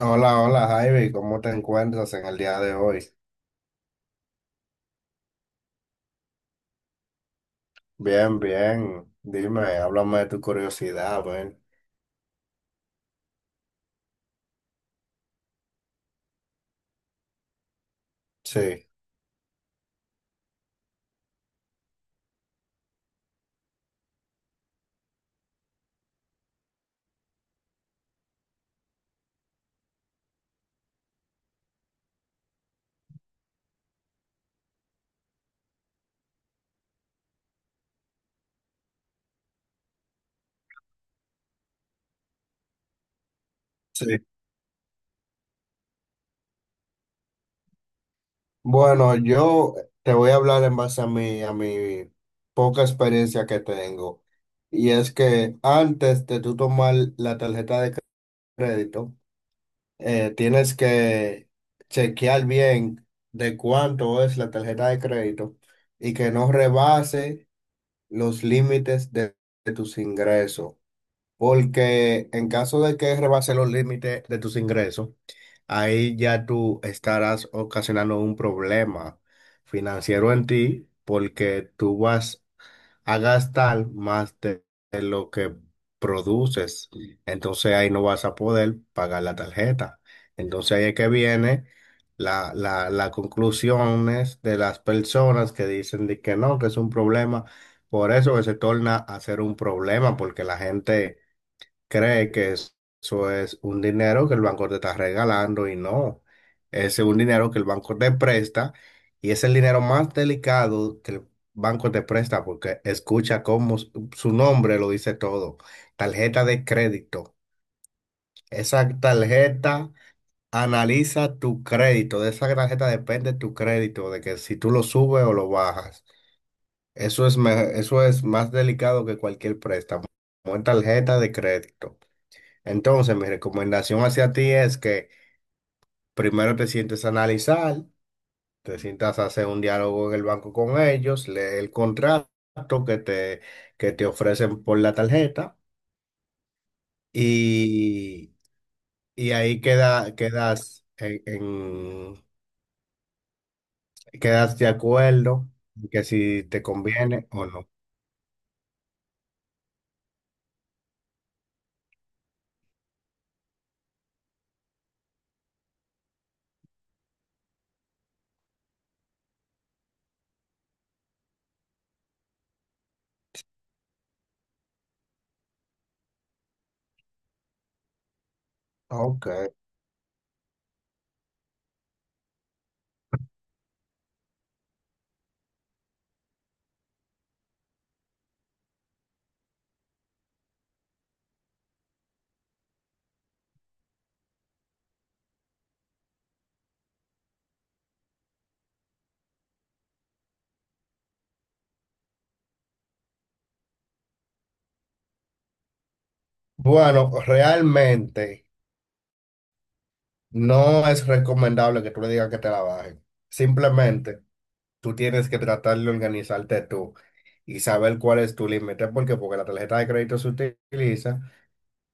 Hola, hola Javi, ¿cómo te encuentras en el día de hoy? Bien, bien. Dime, háblame de tu curiosidad, ven. Sí, sí. Bueno, yo te voy a hablar en base a mi poca experiencia que tengo. Y es que antes de tú tomar la tarjeta de crédito, tienes que chequear bien de cuánto es la tarjeta de crédito y que no rebase los límites de tus ingresos. Porque en caso de que rebases los límites de tus ingresos, ahí ya tú estarás ocasionando un problema financiero en ti porque tú vas a gastar más de lo que produces. Entonces ahí no vas a poder pagar la tarjeta. Entonces ahí es que viene las conclusiones de las personas que dicen de que no, que es un problema. Por eso que se torna a ser un problema porque la gente cree que eso es un dinero que el banco te está regalando y no, es un dinero que el banco te presta y es el dinero más delicado que el banco te presta porque escucha cómo su nombre lo dice todo, tarjeta de crédito. Esa tarjeta analiza tu crédito, de esa tarjeta depende tu crédito, de que si tú lo subes o lo bajas. Eso es, eso es más delicado que cualquier préstamo, una tarjeta de crédito. Entonces, mi recomendación hacia ti es que primero te sientes a analizar, te sientas a hacer un diálogo en el banco con ellos, lee el contrato que te, que te ofrecen por la tarjeta y, y ahí quedas de acuerdo en que si te conviene o no. Ok. Bueno, realmente no es recomendable que tú le digas que te la bajen. Simplemente, tú tienes que tratar de organizarte tú y saber cuál es tu límite, porque la tarjeta de crédito se utiliza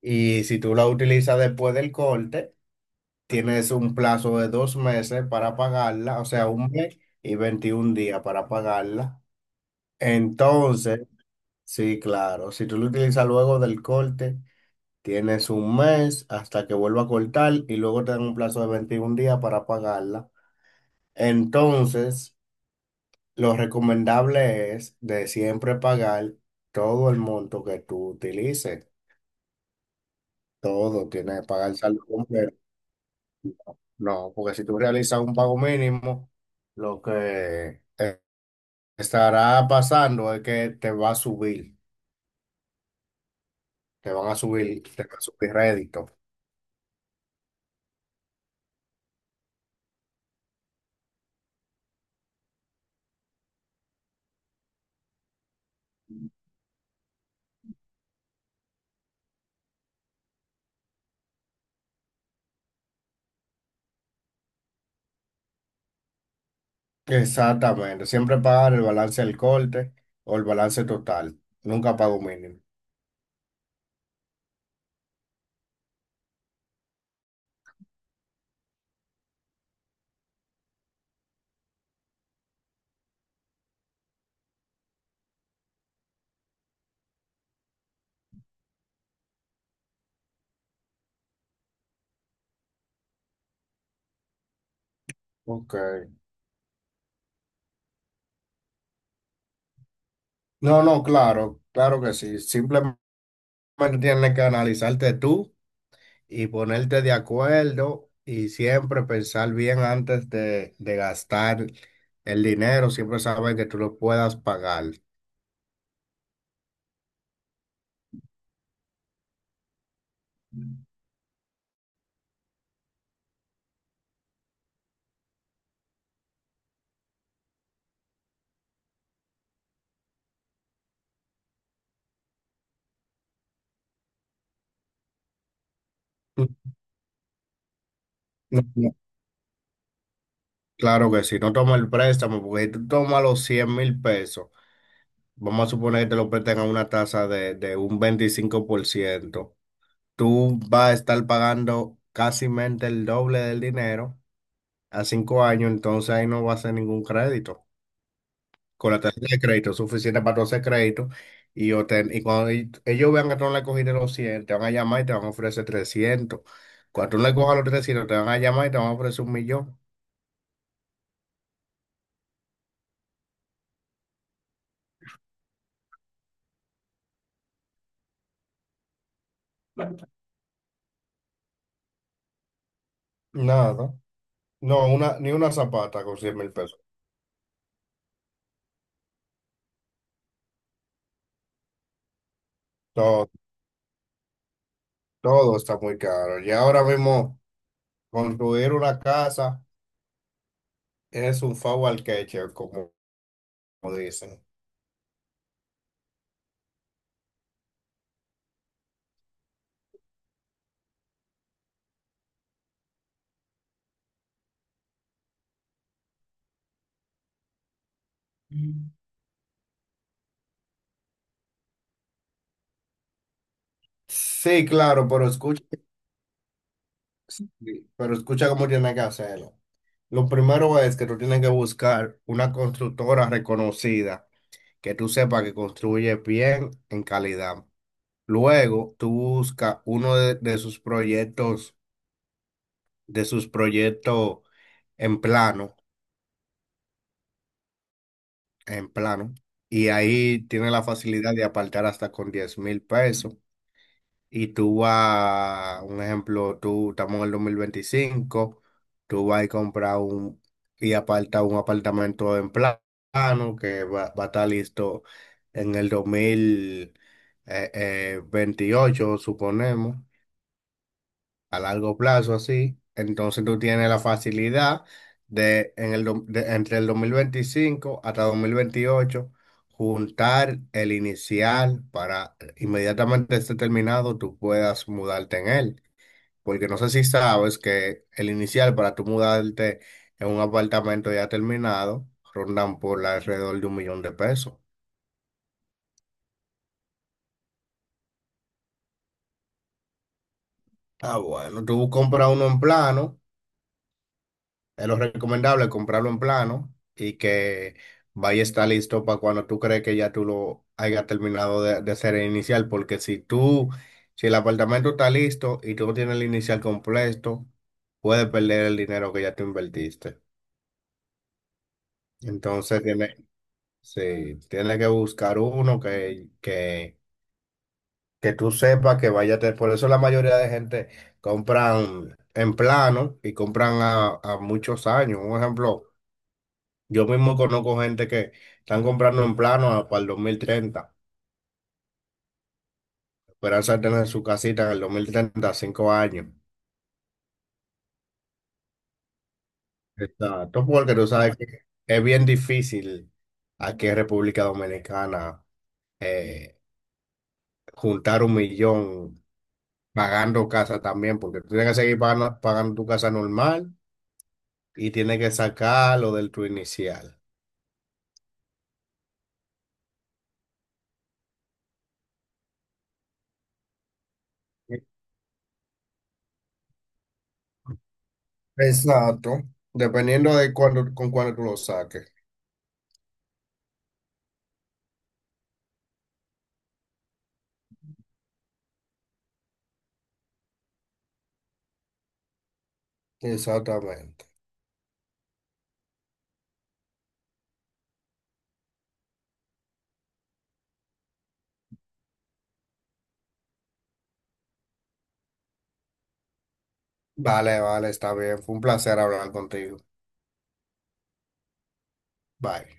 y si tú la utilizas después del corte, tienes un plazo de 2 meses para pagarla, o sea, 1 mes y 21 días para pagarla. Entonces, sí, claro, si tú la utilizas luego del corte, tienes 1 mes hasta que vuelva a cortar y luego te dan un plazo de 21 días para pagarla. Entonces, lo recomendable es de siempre pagar todo el monto que tú utilices. Todo tiene que pagar el saldo completo. No, porque si tú realizas un pago mínimo, lo que estará pasando es que te va a subir, te van a subir, te va a subir rédito. Exactamente, siempre pagar el balance del corte o el balance total, nunca pago mínimo. Ok. No, no, claro, claro que sí. Simplemente tienes que analizarte tú y ponerte de acuerdo y siempre pensar bien antes de gastar el dinero, siempre saber que tú lo puedas pagar. Tú- no, no, claro que sí, no toma el préstamo, porque si tú tomas los 100.000 pesos, vamos a suponer que te lo prestan a una tasa de un 25%, tú vas a estar pagando casi el doble del dinero a 5 años, entonces ahí no va a ser ningún crédito. Con la tarjeta de crédito suficiente para 12 créditos, y cuando ellos vean que tú no le cogiste los 100 te van a llamar y te van a ofrecer trescientos. Cuando tú no le cojas los 300 te van a llamar y te van a ofrecer un millón. Nada, no, ni una zapata con 100.000 pesos. Todo, todo está muy caro. Y ahora mismo, construir una casa es un favor al queche, como, como dicen. Mm. Sí, claro, pero escucha. Sí, pero escucha cómo tiene que hacerlo. Lo primero es que tú tienes que buscar una constructora reconocida que tú sepas que construye bien en calidad. Luego, tú buscas uno de sus proyectos, de sus proyectos, en plano, en plano, y ahí tiene la facilidad de apartar hasta con 10.000 pesos. Y tú vas, un ejemplo, tú estamos en el 2025, tú vas a comprar un y aparta un apartamento en plano que va a estar listo en el dos mil veintiocho, suponemos, a largo plazo, así. Entonces tú tienes la facilidad de entre el 2025 hasta 2028 juntar el inicial para inmediatamente esté terminado tú puedas mudarte en él. Porque no sé si sabes que el inicial para tú mudarte en un apartamento ya terminado rondan por alrededor de un millón de pesos. Ah, bueno, tú compras uno en plano. Es lo recomendable comprarlo en plano y que vaya a estar listo para cuando tú crees que ya tú lo hayas terminado de hacer el inicial, porque si tú, si el apartamento está listo y tú no tienes el inicial completo, puedes perder el dinero que ya tú invertiste. Entonces tienes, sí, tienes que buscar uno que tú sepas que vaya a tener. Por eso la mayoría de gente compran en plano y compran a muchos años. Un ejemplo. Yo mismo conozco gente que están comprando en plano para el 2030. Esperanza de tener su casita en el 2030, 5 años. Exacto, porque tú sabes que es bien difícil aquí en República Dominicana eh, juntar un millón pagando casa también, porque tú tienes que seguir pagando, pagando tu casa normal y tienes que sacar lo del tu inicial. Exacto, dependiendo de cuándo, con cuándo tú lo saques. Exactamente. Vale, vale, está bien. Fue un placer hablar contigo. Bye.